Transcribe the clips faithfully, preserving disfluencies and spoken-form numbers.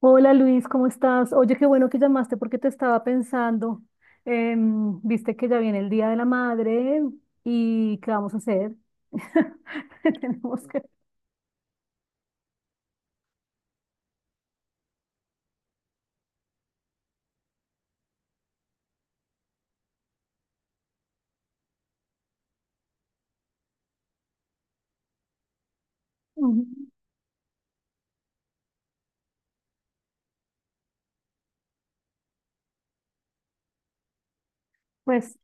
Hola Luis, ¿cómo estás? Oye, qué bueno que llamaste porque te estaba pensando. Em, viste que ya viene el Día de la Madre y ¿qué vamos a hacer? Tenemos que... Ujú. Pues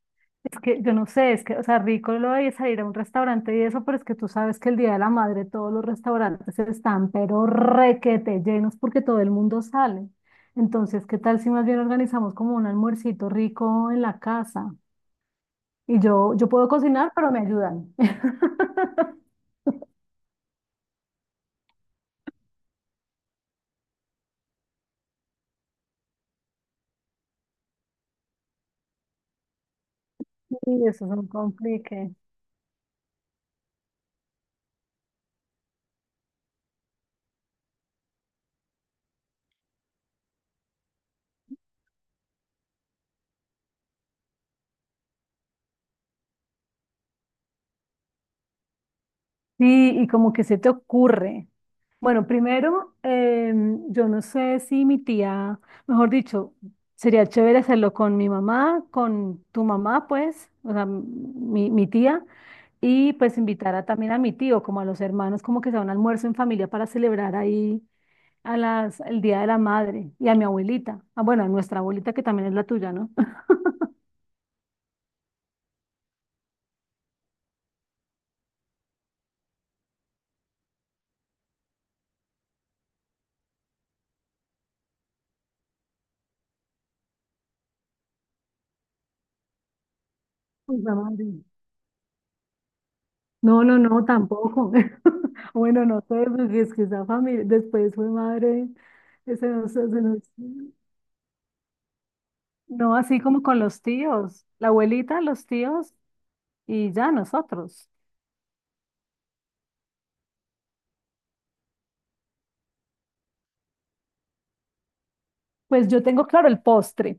es que yo no sé, es que, o sea, rico lo de salir a un restaurante y eso, pero es que tú sabes que el Día de la Madre todos los restaurantes están, pero requete llenos porque todo el mundo sale. Entonces, ¿qué tal si más bien organizamos como un almuercito rico en la casa? Y yo, yo puedo cocinar, pero me ayudan. Y eso es un complique. Sí, y como que se te ocurre. Bueno, primero, em, yo no sé si mi tía, mejor dicho, sería chévere hacerlo con mi mamá, con tu mamá, pues, o sea, m- mi, mi tía, y pues invitar a- también a mi tío, como a los hermanos, como que sea un almuerzo en familia para celebrar ahí a las, el Día de la Madre y a mi abuelita. Ah, bueno, a nuestra abuelita que también es la tuya, ¿no? Pues, la madre. No, no, no, tampoco. Bueno, no sé, porque es que esa familia, después fue madre, eh, se nos- se nos- no así como con los tíos, la abuelita, los tíos y ya nosotros. Pues yo tengo claro el postre,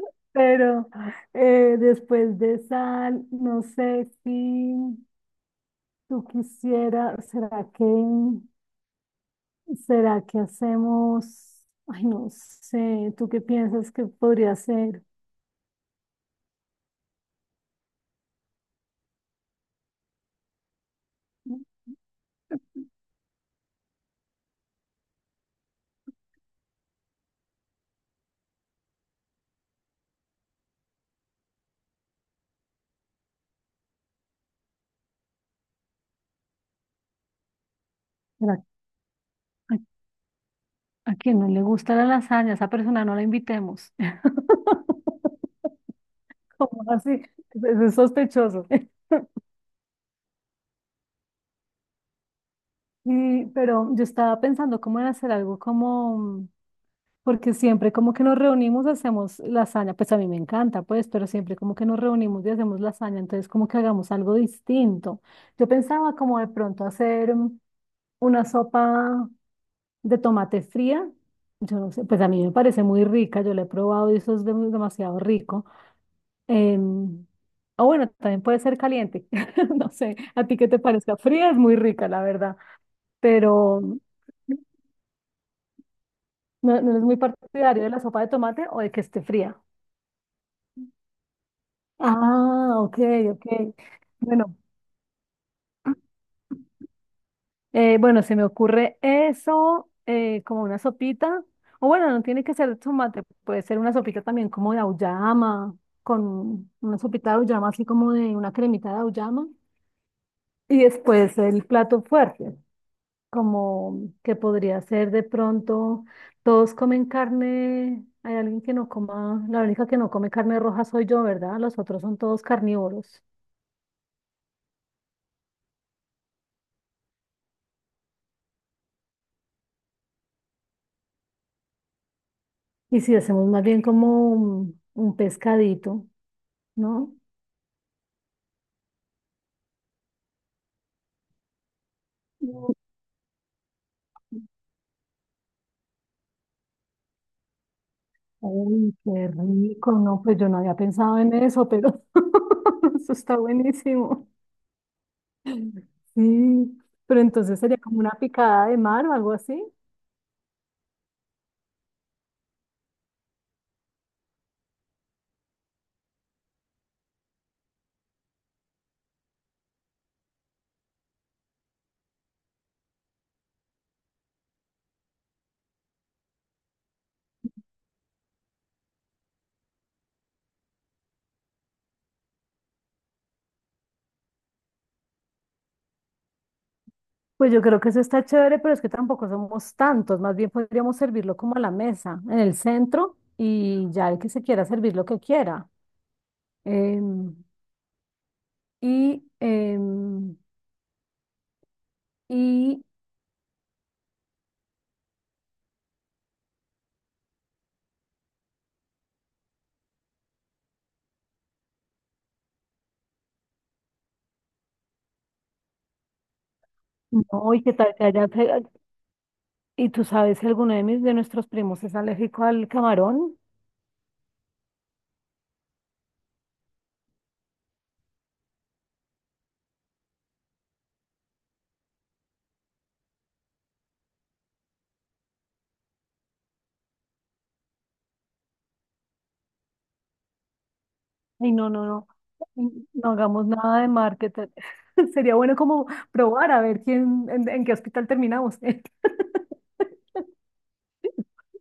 pero eh, después de sal, no sé si tú quisieras, ¿será que, será que hacemos? Ay, no sé, ¿tú qué piensas que podría ser? A quien no le gusta la lasaña, a esa persona no la invitemos. ¿Cómo así? Es, es sospechoso. Y, pero yo estaba pensando cómo en hacer algo como, porque siempre como que nos reunimos, hacemos lasaña, pues a mí me encanta, pues, pero siempre como que nos reunimos y hacemos lasaña, entonces como que hagamos algo distinto. Yo pensaba como de pronto hacer mm, una sopa de tomate fría, yo no sé, pues a mí me parece muy rica, yo la he probado y eso es dem- demasiado rico. Em, o bueno, también puede ser caliente. No sé, a ti qué te parezca. Fría es muy rica, la verdad, pero mm, no, no es muy partidario de la sopa de tomate o de que esté fría. Ah, ok, ok. Bueno, eh, bueno, se me ocurre eso, eh, como una sopita. O bueno, no tiene que ser de tomate, puede ser una sopita también como de auyama, con una sopita de auyama, así como de una cremita de auyama. Y después el plato fuerte. Como que podría ser de pronto, todos comen carne, hay alguien que no coma, la única que no come carne roja soy yo, ¿verdad? Los otros son todos carnívoros. Y si hacemos más bien como un, un pescadito, ¿no? Mm, uy, qué rico, no, pues yo no había pensado en eso, pero eso está buenísimo. Sí, pero entonces sería como una picada de mar o algo así. Pues yo creo que eso está chévere, pero es que tampoco somos tantos, más bien podríamos servirlo como a la mesa, en el centro, y ya el que se quiera servir lo que quiera. Em, y, em, y, no, y qué tal que haya, que- y tú sabes si alguno de mis, de nuestros primos es alérgico al camarón, y no, no, no, mm, no hagamos nada de marketing. Sería bueno como probar a ver quién, en, en qué hospital terminamos.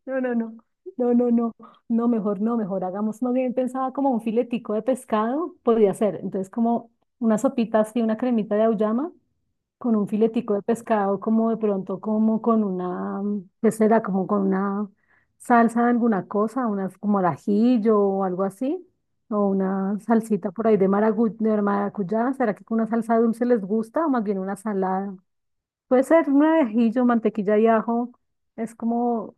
No, no, no, no, no, no, no, mejor no, mejor hagamos, no bien pensaba como un filetico de pescado, podría ser, entonces como una sopita así, una cremita de auyama con un filetico de pescado, como de pronto, como con una, mm, ¿qué será? Como con una salsa de alguna cosa, unas como al ajillo o algo así, o una salsita por ahí de maragu- de maracuyá, ¿será que con una salsa dulce les gusta o más bien una salada? Puede ser un ajillo, mantequilla y ajo, es como...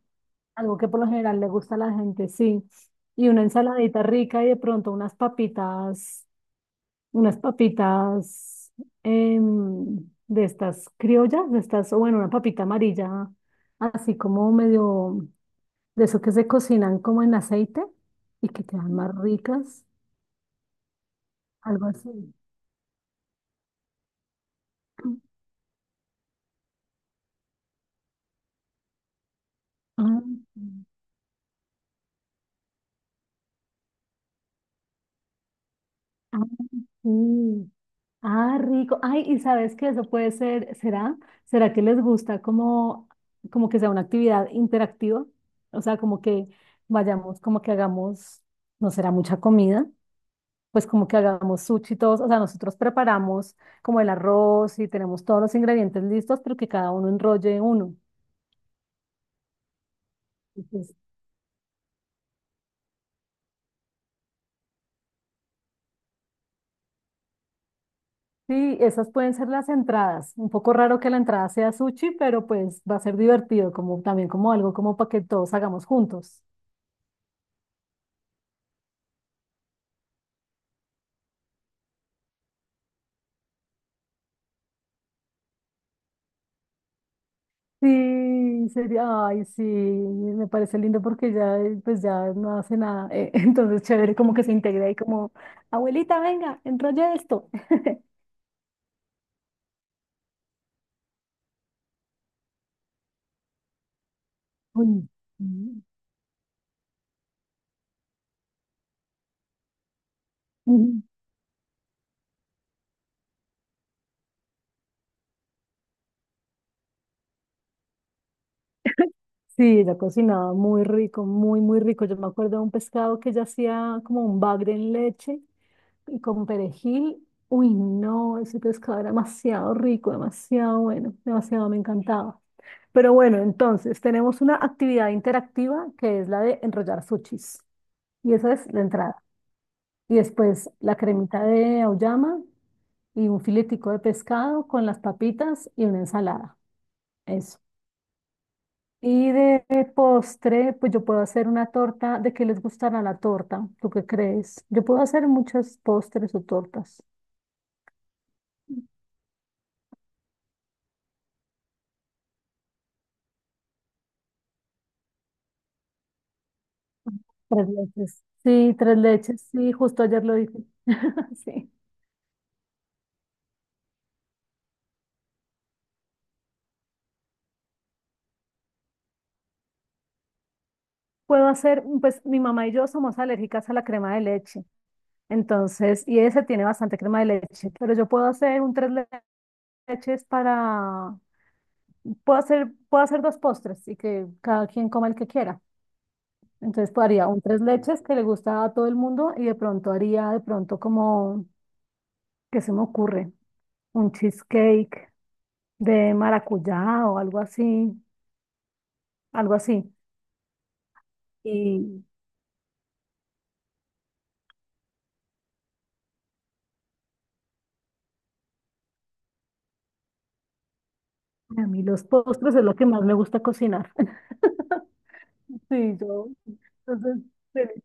Algo que por lo general le gusta a la gente, sí. Y una ensaladita rica y de pronto unas papitas, unas papitas em, de estas criollas, de estas, o bueno, una papita amarilla, así como medio de eso que se cocinan como en aceite y que quedan más ricas, algo así. Ah, sí. Ah, sí. Ah, rico. Ay, y sabes qué eso puede ser, ¿será? ¿Será que les gusta como, como que sea una actividad interactiva? O sea, como que vayamos, como que hagamos, no será mucha comida, pues como que hagamos sushi todos, o sea, nosotros preparamos como el arroz y tenemos todos los ingredientes listos, pero que cada uno enrolle uno. Entonces, sí, esas pueden ser las entradas. Un poco raro que la entrada sea sushi, pero pues va a ser divertido, como también como algo como para que todos hagamos juntos. Sí, sería, ay, sí, me parece lindo porque ya, eh, pues ya no hace nada. Eh, entonces, chévere, como que se integra y como, abuelita, venga, enrolla esto. Uy, mm, ujú. Sí, ella cocinaba muy rico, muy, muy rico. Yo me acuerdo de un pescado que ella hacía como un bagre en leche y con perejil. Uy, no, ese pescado era demasiado rico, demasiado bueno, demasiado me encantaba. Pero bueno, entonces tenemos una actividad interactiva que es la de enrollar sushis. Y esa es la entrada. Y después la cremita de auyama y un filetico de pescado con las papitas y una ensalada. Eso. Y de postre, pues yo puedo hacer una torta. ¿De qué les gustará la torta? ¿Tú qué crees? Yo puedo hacer muchos postres o tortas. Tres leches. Sí, tres leches. Sí, justo ayer lo dije. Sí. Puedo hacer, pues mi mamá y yo somos alérgicas a la crema de leche. Entonces, y ese tiene bastante crema de leche, pero yo puedo hacer un tres leches para, puedo hacer, puedo hacer dos postres y que cada quien coma el que quiera. Entonces pues, haría un tres leches que le gusta a todo el mundo y de pronto haría de pronto como, ¿qué se me ocurre? Un cheesecake de maracuyá o algo así, algo así. Y a mí los postres es lo que más me gusta cocinar. Sí, yo. Entonces, feliz.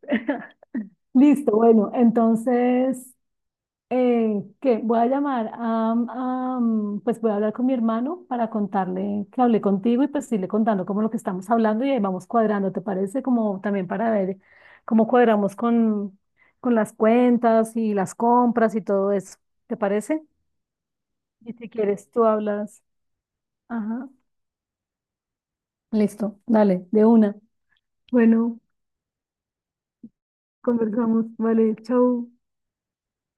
Listo, bueno, entonces Eh, que voy a llamar a, a, mm, pues voy a hablar con mi hermano para contarle que hablé contigo y pues irle contando como lo que estamos hablando y ahí vamos cuadrando, ¿te parece? Como también para ver cómo cuadramos con, con las cuentas y las compras y todo eso, ¿te parece? Y si quieres, tú hablas. Ajá, listo, dale, de una. Bueno, conversamos, vale, chau.